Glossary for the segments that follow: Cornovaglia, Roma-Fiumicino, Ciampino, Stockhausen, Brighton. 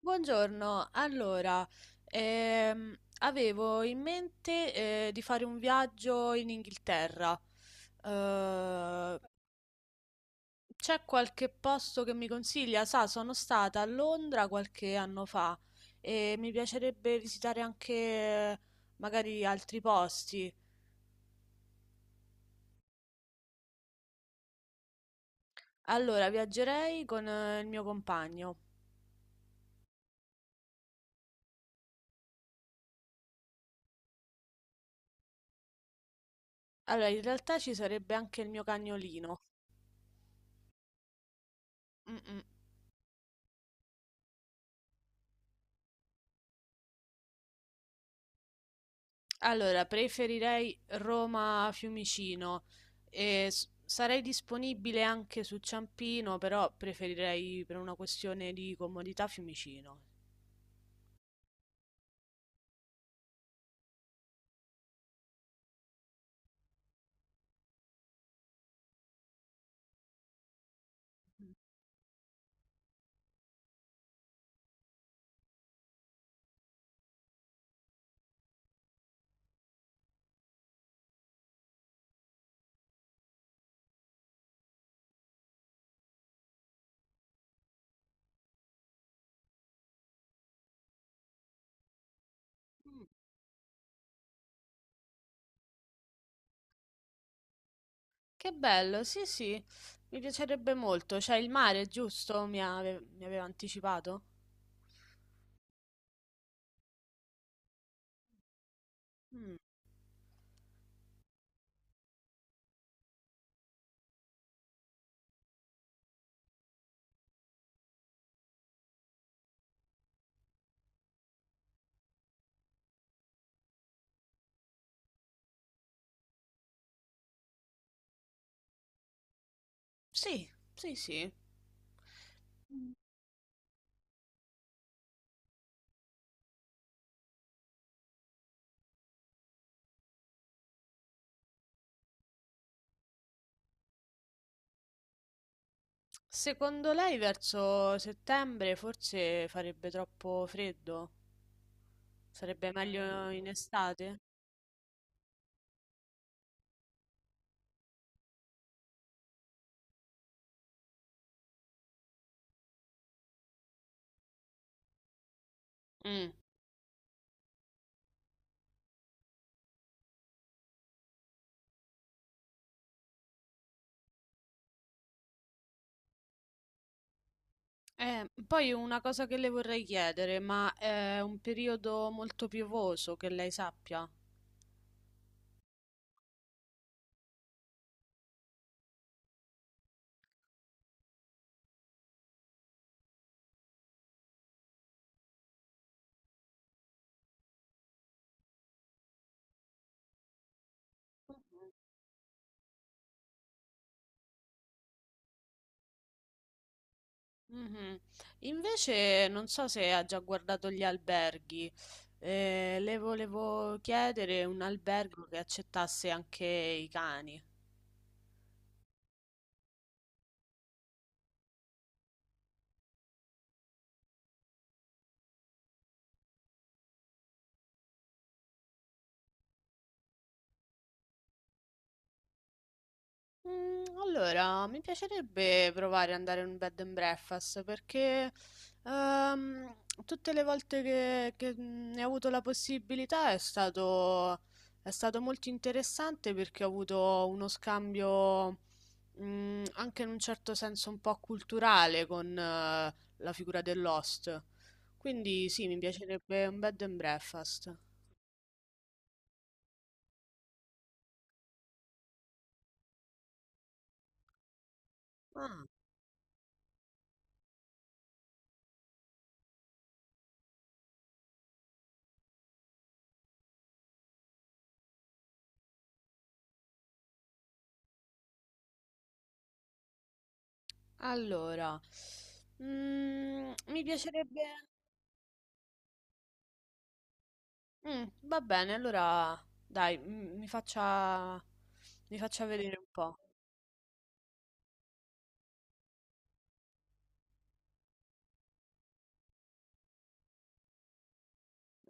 Buongiorno, allora, avevo in mente di fare un viaggio in Inghilterra. Eh, c'è qualche posto che mi consiglia? Sa, sono stata a Londra qualche anno fa e mi piacerebbe visitare anche magari altri posti. Allora, viaggerei con il mio compagno. Allora, in realtà ci sarebbe anche il mio cagnolino. Mm, mm. Allora, preferirei Roma-Fiumicino. E sarei disponibile anche su Ciampino, però preferirei per una questione di comodità Fiumicino. Mm. Che bello, sì, sì, mi piacerebbe molto. C'è il mare, giusto? Mi aveva anticipato? Mm. Sì, sì, sì. Secondo lei verso settembre forse farebbe troppo freddo? Sarebbe meglio in estate? Mm. Poi una cosa che le vorrei chiedere, ma è un periodo molto piovoso che lei sappia. Mhm. Invece non so se ha già guardato gli alberghi. Le volevo chiedere un albergo che accettasse anche i cani. Mm. Allora, mi piacerebbe provare ad andare in un bed and breakfast perché ehm, tutte le volte che ne ho avuto la possibilità è stato molto interessante perché ho avuto uno scambio mm, anche in un certo senso un po' culturale con la figura dell'host. Quindi sì, mi piacerebbe un bed and breakfast. Ah, allora, mm, mi piacerebbe... va bene, allora dai, m mi faccia vedere un po'.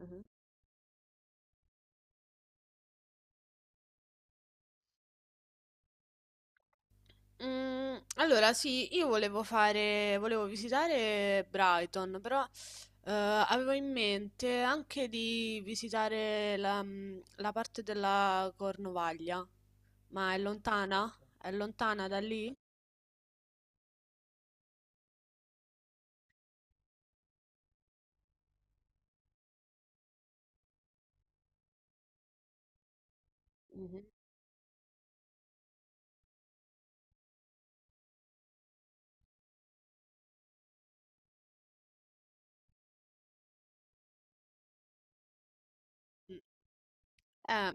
Mh-mh. Mhmm, allora sì, io volevo fare volevo visitare Brighton, però, avevo in mente anche di visitare la mhmm, la parte della Cornovaglia. Ma è lontana? È lontana da lì? Mh-mh. Mh. Eh.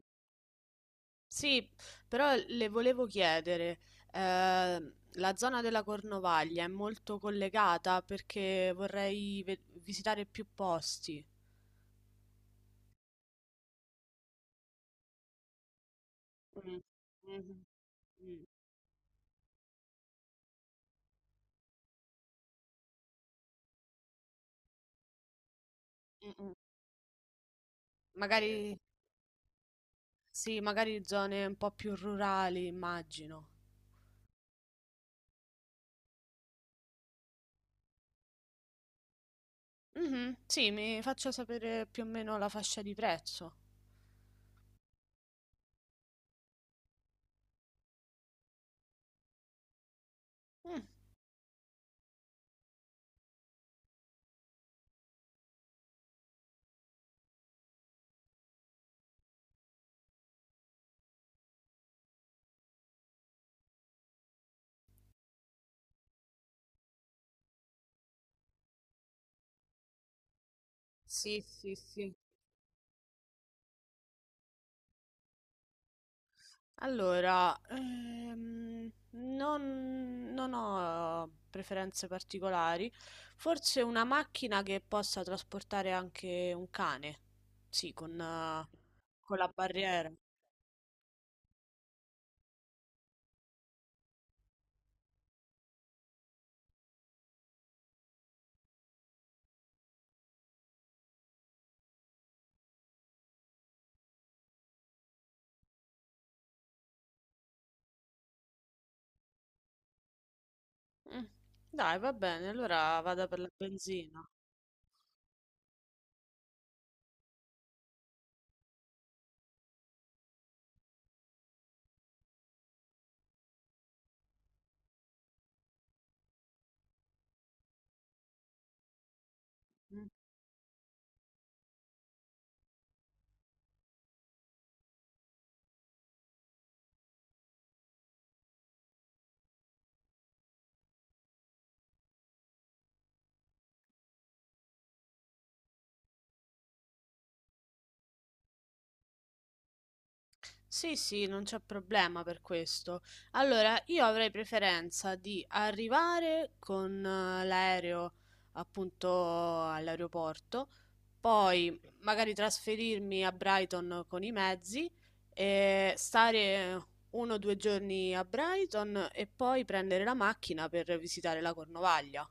Sì, però le volevo chiedere, eh, la zona della Cornovaglia è molto collegata perché vorrei visitare più posti. Mm, mhm, mm, mm, mm. Magari, sì, magari zone un po' più rurali, immagino. Mhm, sì, mi faccia sapere più o meno la fascia di prezzo. Mm. Sì, sì, sì. Allora, non ho preferenze particolari, forse una macchina che possa trasportare anche un cane, sì, con la barriera. Mm. Dai, va bene, allora vado per la benzina. Mm. Sì, sì, non c'è problema per questo. Allora, io avrei preferenza di arrivare con l'aereo appunto all'aeroporto, poi magari trasferirmi a Brighton con i mezzi e stare uno o due giorni a Brighton e poi prendere la macchina per visitare la Cornovaglia.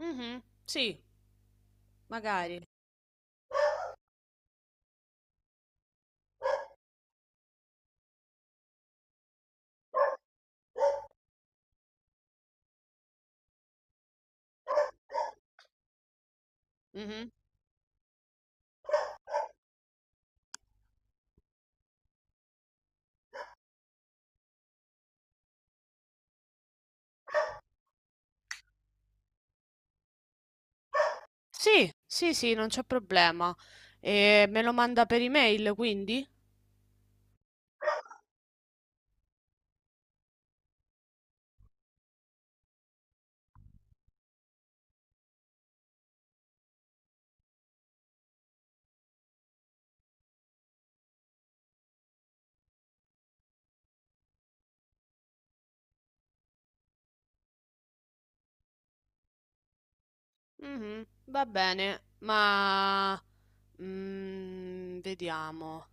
Mhm, sì, magari. Mhm. Sì, sì, sì, non c'è problema. E me lo manda per email, quindi? Mh-mh, va bene, ma, mhmm, vediamo.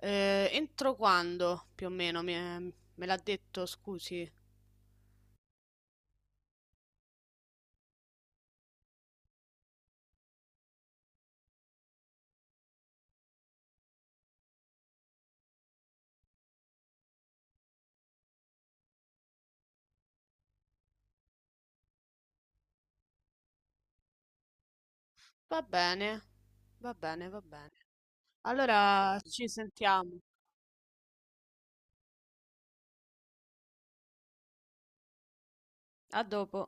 Entro quando più o meno mi è me l'ha detto, scusi? Va bene, va bene, va bene. Allora ci sentiamo. A dopo.